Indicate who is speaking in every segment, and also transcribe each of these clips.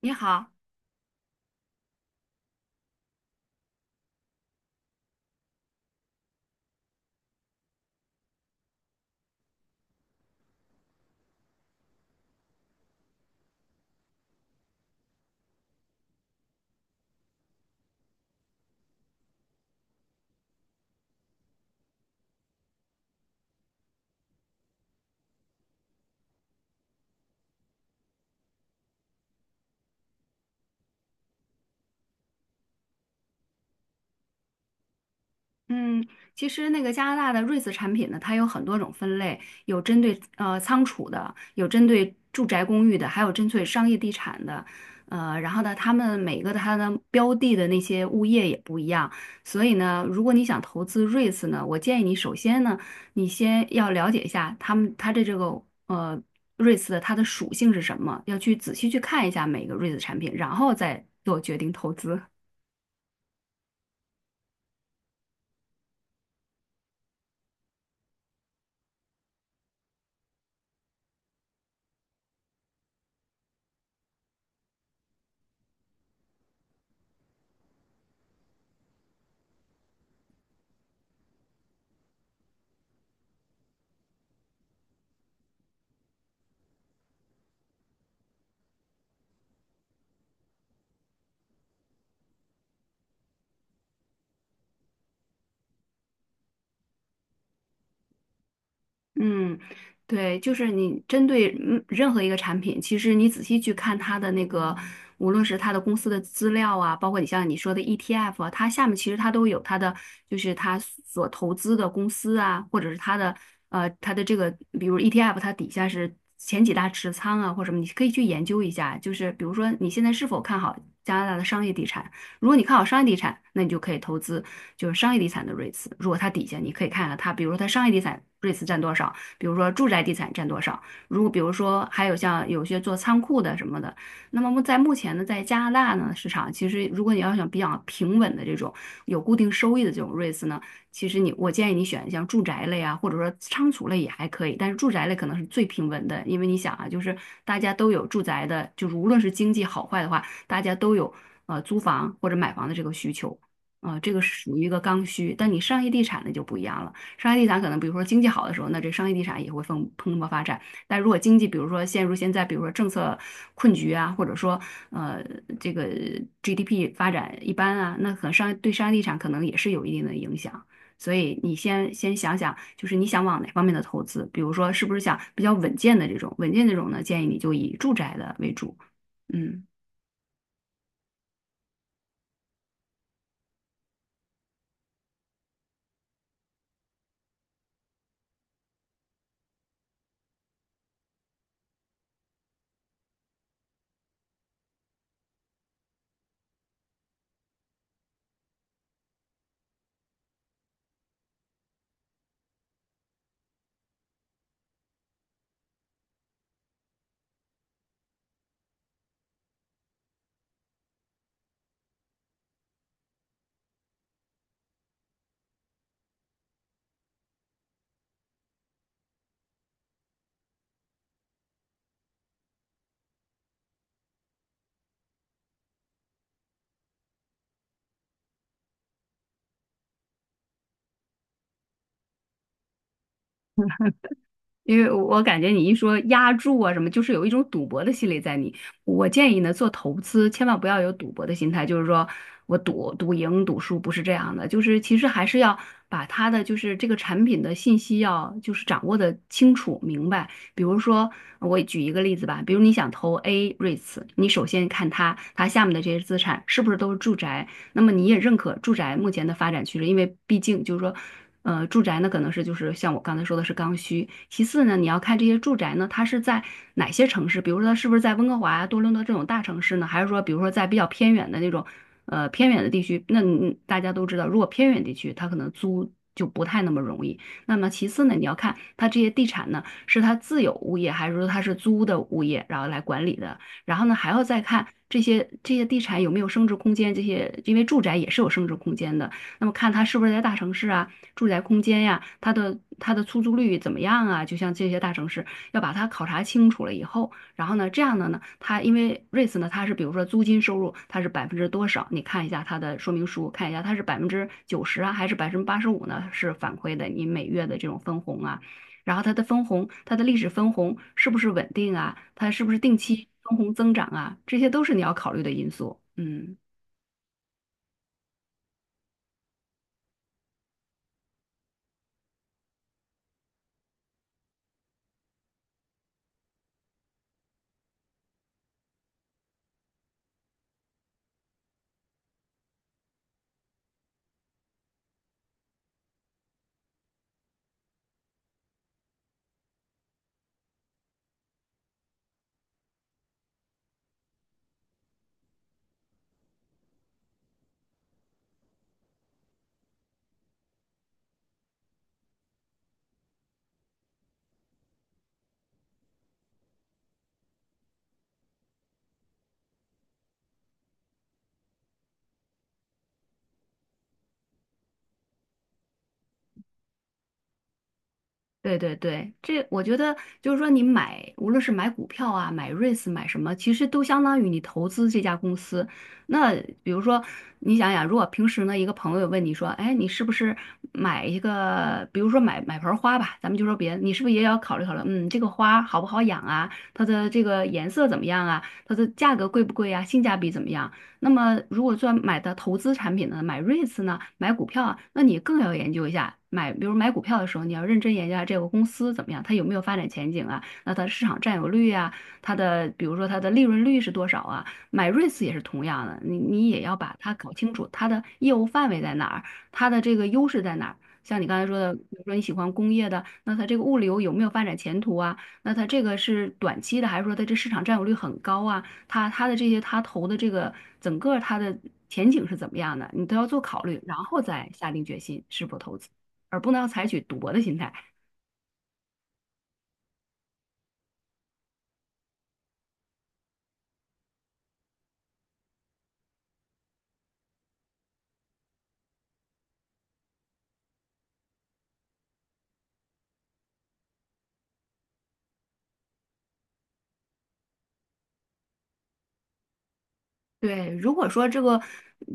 Speaker 1: 你好，嗯，其实那个加拿大的瑞士产品呢，它有很多种分类，有针对仓储的，有针对住宅公寓的，还有针对商业地产的，然后呢，他们每个它的标的的那些物业也不一样，所以呢，如果你想投资瑞士呢，我建议你首先呢，你先要了解一下他们它的这个呃瑞士的它的属性是什么，要去仔细去看一下每个瑞士产品，然后再做决定投资。嗯，对，就是你针对任何一个产品，其实你仔细去看它的那个，无论是它的公司的资料啊，包括你像你说的 ETF 啊，它下面其实它都有它的，就是它所投资的公司啊，或者是它的这个，比如 ETF 它底下是前几大持仓啊，或什么，你可以去研究一下。就是比如说你现在是否看好加拿大的商业地产，如果你看好商业地产，那你就可以投资就是商业地产的 REITs。如果它底下你可以看看它，比如说它商业地产 REITs 占多少，比如说住宅地产占多少。如果比如说还有像有些做仓库的什么的，那么在目前呢，在加拿大呢市场，其实如果你要想比较平稳的这种有固定收益的这种 REITs 呢，其实你我建议你选像住宅类啊，或者说仓储类也还可以，但是住宅类可能是最平稳的，因为你想啊，就是大家都有住宅的，就是无论是经济好坏的话。大家都有租房或者买房的这个需求，啊、这个是属于一个刚需。但你商业地产呢就不一样了，商业地产可能比如说经济好的时候，那这商业地产也会蓬勃发展。但如果经济比如说陷入现在比如说政策困局啊，或者说呃这个 GDP 发展一般啊，那可能商业地产可能也是有一定的影响。所以你先想想，就是你想往哪方面的投资？比如说，是不是想比较稳健的这种？稳健这种呢，建议你就以住宅的为主。嗯。因为我感觉你一说押注啊什么，就是有一种赌博的心理在你。我建议呢，做投资千万不要有赌博的心态，就是说我赌赢赌输不是这样的，就是其实还是要把它的就是这个产品的信息要就是掌握的清楚明白。比如说，我举一个例子吧，比如你想投 A REITs,你首先看它下面的这些资产是不是都是住宅那么你也认可住宅目前的发展趋势，因为毕竟就是说，住宅呢可能是就是像我刚才说的是刚需。其次呢，你要看这些住宅呢，它是在哪些城市，比如说它是不是在温哥华呀、多伦多这种大城市呢，还是说比如说在比较偏远的那种，偏远的地区？那你大家都知道，如果偏远地区，它可能租。就不太那么容易。那么其次呢，你要看它这些地产呢，是它自有物业还是说它是租的物业，然后来管理的。然后呢，还要再看这些地产有没有升值空间，这些因为住宅也是有升值空间的。那么看它是不是在大城市啊，住宅空间呀，它的出租率怎么样啊？就像这些大城市，要把它考察清楚了以后，然后呢，这样的呢，它因为 r e i t S 呢，它是比如说租金收入它是百分之多少，你看一下它的说明书，看一下它是百分之九十啊，还是百分之八十五呢？是反馈的你每月的这种分红啊。然后它的分红，它的历史分红是不是稳定啊？它是不是定期分红增长啊？这些都是你要考虑的因素。嗯。对对对，这我觉得就是说，你买无论是买股票啊、买 REITs、买什么，其实都相当于你投资这家公司。那比如说，你想想，如果平时呢，一个朋友问你说，哎，你是不是买一个，比如说买盆花吧，咱们就说别的，你是不是也要考虑考虑，嗯，这个花好不好养啊，它的这个颜色怎么样啊，它的价格贵不贵啊，性价比怎么样？那么如果做买的投资产品呢，买 REITs 呢，买股票啊，那你更要研究一下。买，比如买股票的时候，你要认真研究下这个公司怎么样，它有没有发展前景啊？那它的市场占有率啊，它的比如说它的利润率是多少啊？买 REITs 也是同样的，你你也要把它搞清楚，它的业务范围在哪儿，它的这个优势在哪儿。像你刚才说的，比如说你喜欢工业的，那它这个物流有没有发展前途啊？那它这个是短期的，还是说它这市场占有率很高啊？他的这些他投的这个整个他的前景是怎么样的，你都要做考虑，然后再下定决心是否投资，而不能采取赌博的心态。对，如果说这个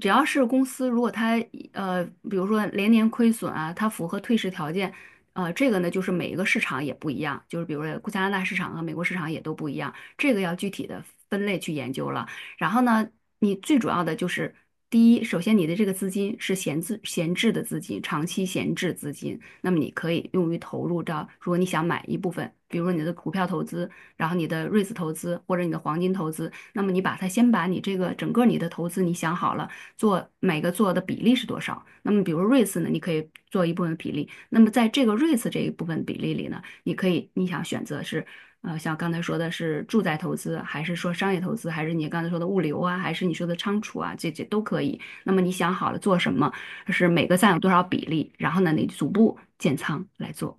Speaker 1: 只要是公司，如果它呃，比如说连年亏损啊，它符合退市条件，这个呢就是每一个市场也不一样，就是比如说加拿大市场和美国市场也都不一样，这个要具体的分类去研究了。然后呢，你最主要的就是第一，首先你的这个资金是闲置的资金，长期闲置资金，那么你可以用于投入到，如果你想买一部分，比如说你的股票投资，然后你的 r e i s 投资或者你的黄金投资。那么你把它先把你这个整个你的投资你想好了，做每个做的比例是多少。那么比如 REITs 呢，你可以做一部分比例。那么在这个 REITs 这一部分比例里呢，你可以你想选择是。像刚才说的是住宅投资，还是说商业投资，还是你刚才说的物流啊，还是你说的仓储啊，这这都可以。那么你想好了做什么，是每个占有多少比例，然后呢，你逐步建仓来做。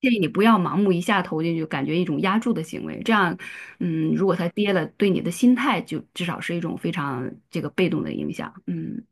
Speaker 1: 建议你不要盲目一下投进去，感觉一种压住的行为。这样，嗯，如果它跌了，对你的心态就至少是一种非常这个被动的影响。嗯。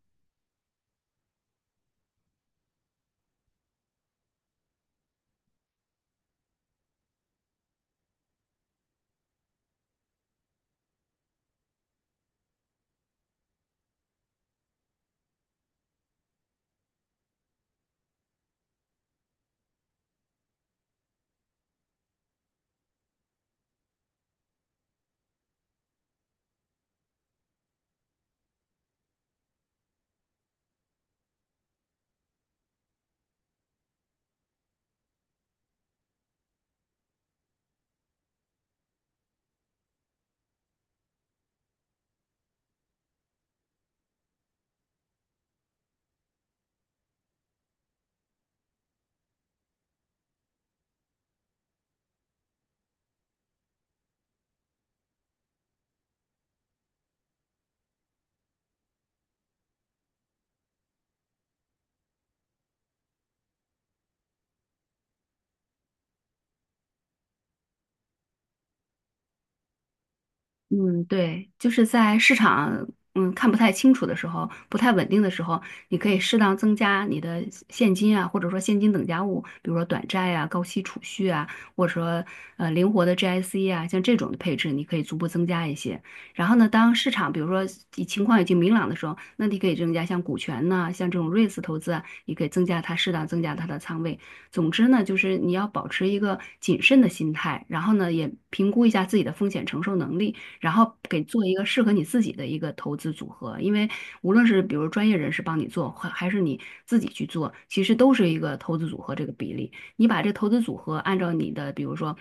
Speaker 1: 嗯，对，就是在市场看不太清楚的时候，不太稳定的时候，你可以适当增加你的现金啊，或者说现金等价物，比如说短债啊、高息储蓄啊，或者说灵活的 GIC 啊，像这种的配置，你可以逐步增加一些。然后呢，当市场比如说以情况已经明朗的时候，那你可以增加像股权呐、像这种 r e i T s 投资啊，你可以增加它适当增加它的仓位。总之呢，就是你要保持一个谨慎的心态，然后呢，也评估一下自己的风险承受能力。然后给做一个适合你自己的一个投资组合。因为无论是比如专业人士帮你做，还是你自己去做，其实都是一个投资组合这个比例。你把这投资组合按照你的，比如说，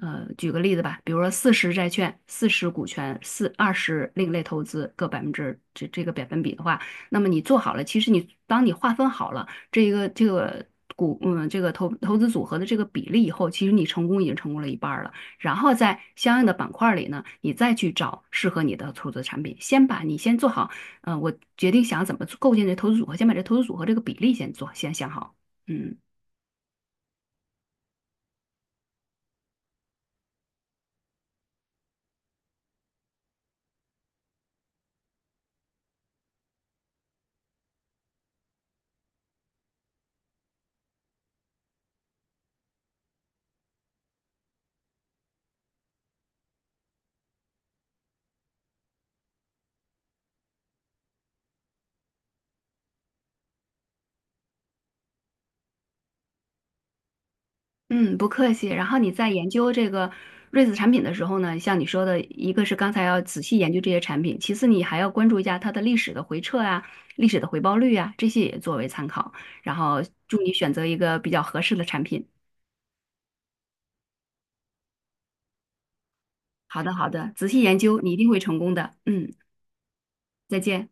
Speaker 1: 举个例子吧，比如说四十债券、四十股权、四二十另类投资各百分之这个百分比的话，那么你做好了，其实你当你划分好了这一个这个这个投资组合的这个比例以后，其实你成功已经成功了一半儿了。然后在相应的板块里呢，你再去找适合你的投资产品。先把你先做好，嗯，我决定想怎么构建这投资组合，先把这投资组合这个比例先做，先想好。嗯嗯，不客气。然后你在研究这个瑞子产品的时候呢，像你说的，一个是刚才要仔细研究这些产品，其次你还要关注一下它的历史的回撤啊、历史的回报率啊，这些也作为参考。然后祝你选择一个比较合适的产品。好的，好的，仔细研究，你一定会成功的。嗯，再见。